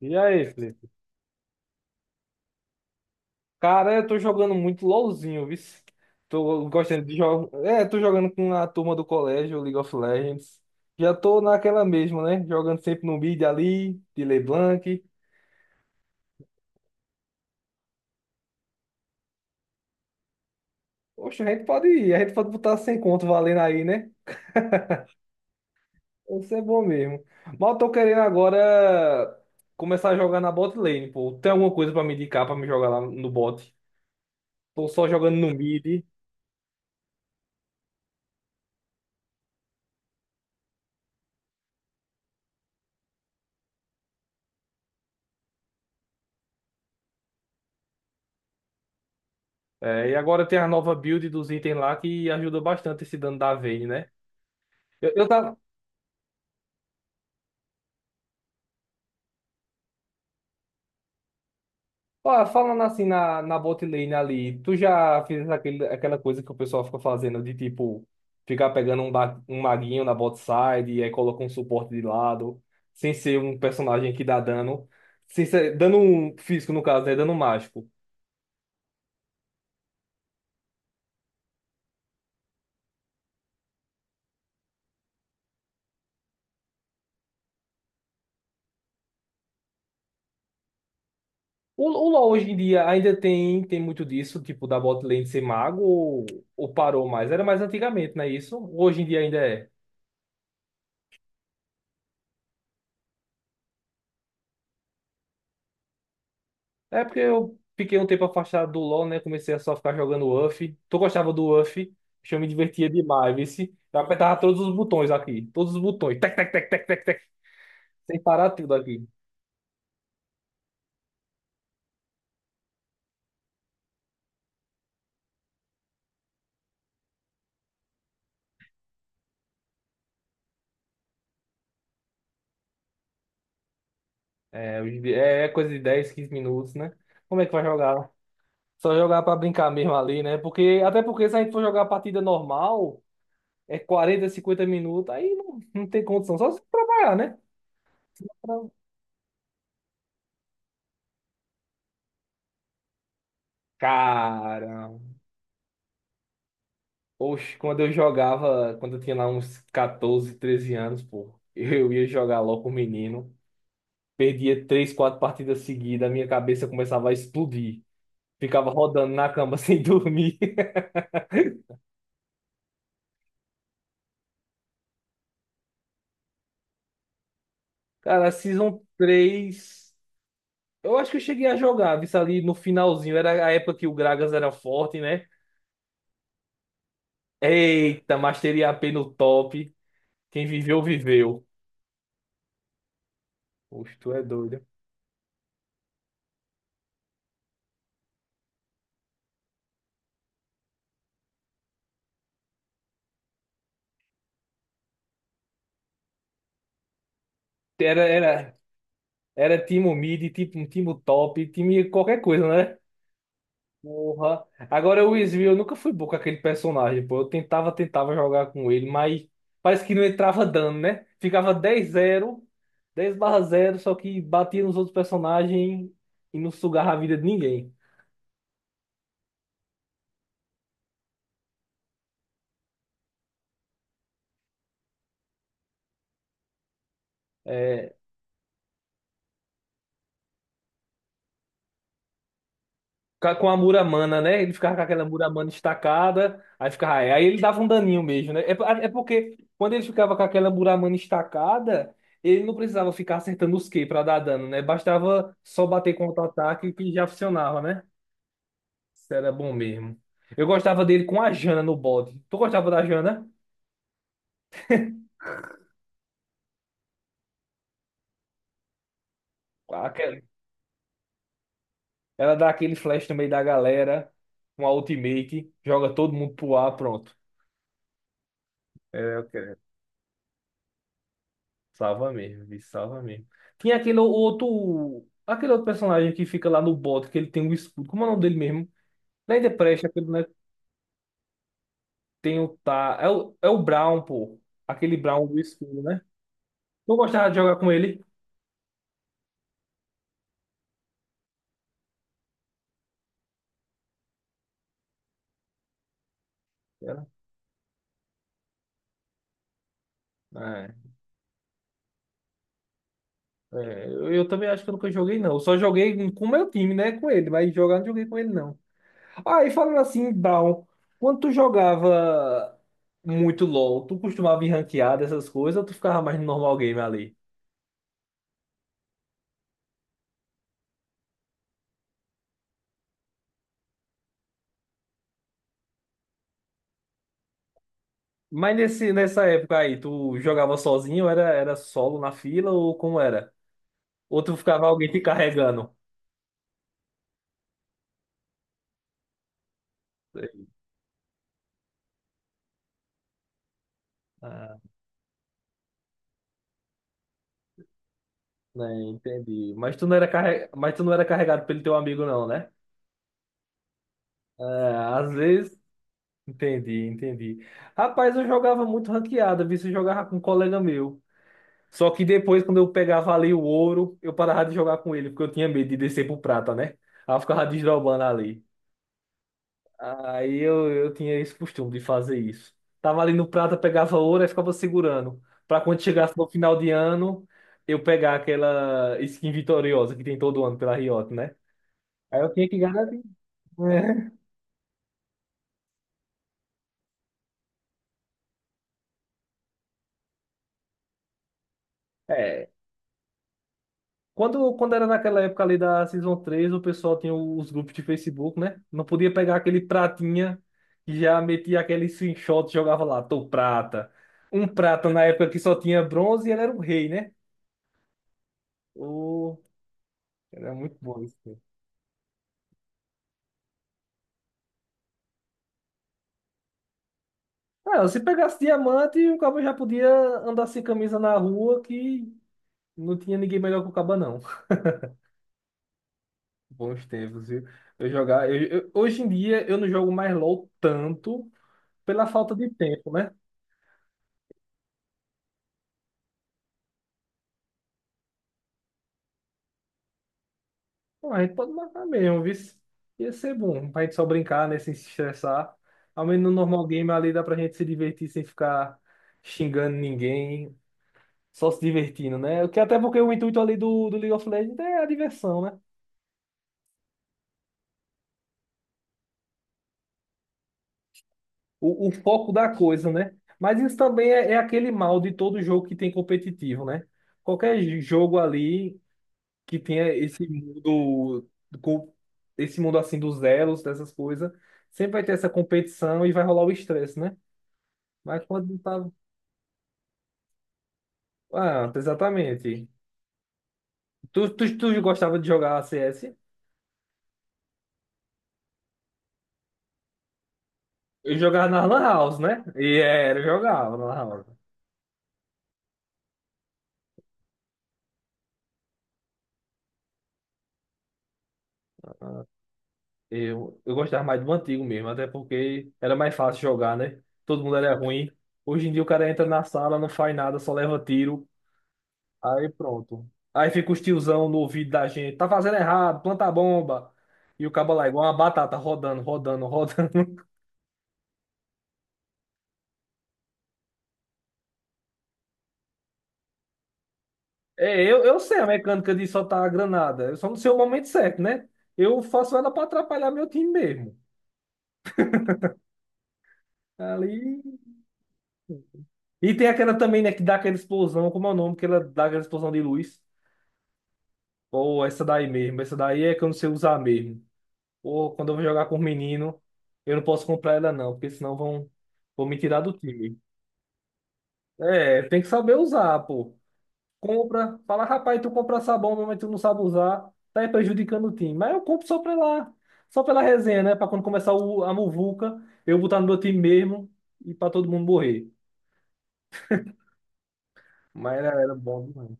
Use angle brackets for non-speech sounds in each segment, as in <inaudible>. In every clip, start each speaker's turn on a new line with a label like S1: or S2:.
S1: E aí, Felipe? Cara, eu tô jogando muito LOLzinho, viu? Tô gostando de jogar. É, tô jogando com a turma do colégio, League of Legends. Já tô naquela mesma, né? Jogando sempre no mid ali, de LeBlanc. Oxe, a gente pode ir, a gente pode botar sem conto valendo aí, né? Isso é bom mesmo. Mas eu tô querendo agora começar a jogar na bot lane, pô. Tem alguma coisa pra me indicar pra me jogar lá no bot? Tô só jogando no mid. É, e agora tem a nova build dos itens lá que ajuda bastante esse dano da Vayne, né? Eu tava ó, falando assim na bot lane ali, tu já fez aquele, aquela coisa que o pessoal fica fazendo de tipo ficar pegando um maguinho na bot side e aí coloca um suporte de lado, sem ser um personagem que dá dano, sem ser, dano físico no caso, né? Dano mágico. O LoL hoje em dia ainda tem muito disso, tipo da bot lane ser mago ou parou mais? Era mais antigamente, não é isso? Hoje em dia ainda é. É porque eu fiquei um tempo afastado do LoL, né? Comecei a só ficar jogando UF. Tu gostava do UF? Acho que eu me divertia demais, vice. Eu apertava todos os botões aqui. Todos os botões. Tec, tec, tec, tec, tec, tec. Sem parar tudo aqui. É, é coisa de 10, 15 minutos, né? Como é que vai jogar? Só jogar pra brincar mesmo ali, né? Até porque se a gente for jogar a partida normal, é 40, 50 minutos. Aí não, não tem condição. Só se trabalhar, né? Caramba. Oxe, quando eu tinha lá uns 14 13 anos, pô, eu ia jogar LOL com o menino, perdia três, quatro partidas seguidas, a minha cabeça começava a explodir. Ficava rodando na cama <laughs> sem dormir. Cara, a Season 3 eu acho que eu cheguei a jogar, visto ali no finalzinho, era a época que o Gragas era forte, né? Eita, Mastery AP no top, quem viveu, viveu. Oxe, tu é doido. Era, era, era time mid, tipo, um time top, time qualquer coisa, né? Porra. Agora o Will eu nunca fui bom com aquele personagem, pô. Eu tentava jogar com ele, mas parece que não entrava dano, né? Ficava 10-0 10/0 só que batia nos outros personagens e não sugava a vida de ninguém. É, com a Muramana, né? Ele ficava com aquela Muramana estacada, aí ele dava um daninho mesmo, né? É, é porque quando ele ficava com aquela Muramana estacada, ele não precisava ficar acertando os Ki pra dar dano, né? Bastava só bater com auto-ataque que já funcionava, né? Isso era bom mesmo. Eu gostava dele com a Jana no bode. Tu gostava da Jana? Aquela- Ela dá aquele flash no meio da galera, com a ultimate, joga todo mundo pro ar, pronto. É, eu quero. Salva mesmo, bicho, salva mesmo. Tinha aquele outro. Aquele outro personagem que fica lá no bot, que ele tem um escudo. Como é o nome dele mesmo? Lá em The Prest, aquele, né? Tem o Tá. É o Brown, pô. Aquele Brown do escudo, né? Tu gostava de jogar com ele? Era. É, eu também acho que eu nunca joguei, não. Eu só joguei com o meu time, né? Com ele, mas jogar eu não joguei com ele, não. Ah, e falando assim, Down, quando tu jogava muito LOL, tu costumava ir ranqueado, essas coisas, ou tu ficava mais no normal game ali? Mas nessa época aí, tu jogava sozinho, era solo na fila, ou como era? Ou tu ficava alguém te carregando? Ah, né, entendi. Mas tu não era carregado pelo teu amigo, não, né? É, às vezes. Entendi, entendi. Rapaz, eu jogava muito ranqueada, vi se jogava com um colega meu. Só que depois, quando eu pegava ali o ouro, eu parava de jogar com ele, porque eu tinha medo de descer pro prata, né? Aí eu ficava desdobando ali. Aí eu tinha esse costume de fazer isso. Tava ali no prata, pegava ouro e ficava segurando. Pra quando chegasse no final de ano, eu pegar aquela skin vitoriosa que tem todo ano pela Riot, né? Aí eu tinha que garantir. <laughs> Quando era naquela época ali da Season 3 o pessoal tinha os grupos de Facebook, né? Não podia pegar aquele pratinha que já metia aquele screenshot e jogava lá, tô prata. Um prata na época que só tinha bronze e ele era um rei, né? O... Era muito bom isso. Cara. Ah, se pegasse diamante, o cabo já podia andar sem camisa na rua que não tinha ninguém melhor que o cabo, não. Bons tempos, viu? Eu jogar, eu- hoje em dia eu não jogo mais LOL tanto pela falta de tempo, né? Bom, a gente pode marcar mesmo, viu? Ia ser bom pra gente só brincar, né? Sem se estressar. Ao menos no normal game ali dá pra gente se divertir sem ficar xingando ninguém, só se divertindo, né? O que até porque o intuito ali do League of Legends é a diversão, né? O foco da coisa, né? Mas isso também é aquele mal de todo jogo que tem competitivo, né? Qualquer jogo ali que tenha esse mundo, com- esse mundo assim dos elos, dessas coisas, sempre vai ter essa competição e vai rolar o estresse, né? Mas quando tava. Ah, exatamente. Tu gostava de jogar CS? Eu jogava na Lan House, né? Eu jogava na Lan House. Eu gostava mais do antigo mesmo, até porque era mais fácil jogar, né? Todo mundo era ruim. Hoje em dia o cara entra na sala, não faz nada, só leva tiro. Aí pronto. Aí fica os tiozão no ouvido da gente. Tá fazendo errado, planta a bomba. E o cabo lá, é igual uma batata, rodando, rodando, rodando. É, eu sei a mecânica de soltar a granada. Eu só não sei o momento certo, né? Eu faço ela para atrapalhar meu time mesmo. Ali. E tem aquela também, né, que dá aquela explosão, como é o nome, que ela dá aquela explosão de luz. Ou essa daí mesmo. Essa daí é que eu não sei usar mesmo. Ou quando eu vou jogar com o menino, eu não posso comprar ela não, porque senão vão me tirar do time. É, tem que saber usar, pô. Compra, fala, rapaz, tu compra sabão, mesmo, mas tu não sabe usar, tá aí prejudicando o time. Mas eu compro só pela resenha, né? Pra quando começar a muvuca, eu botar no meu time mesmo e pra todo mundo morrer. Mas era bom demais.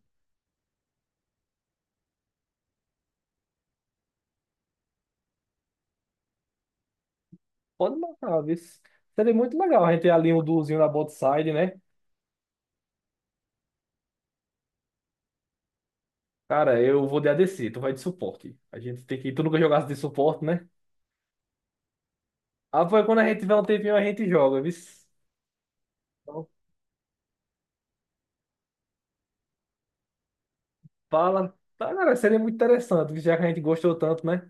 S1: Pode marcar, viu? Seria muito legal a gente ter ali um duozinho na bot side, né? Cara, eu vou de ADC, tu vai de suporte. A gente tem que. Tu nunca jogasse de suporte, né? Ah, foi quando a gente tiver um tempinho, a gente joga, viu? Então, fala. Tá, cara, seria muito interessante, já que a gente gostou tanto, né?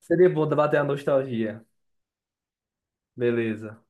S1: Seria bom bater a nostalgia. Beleza.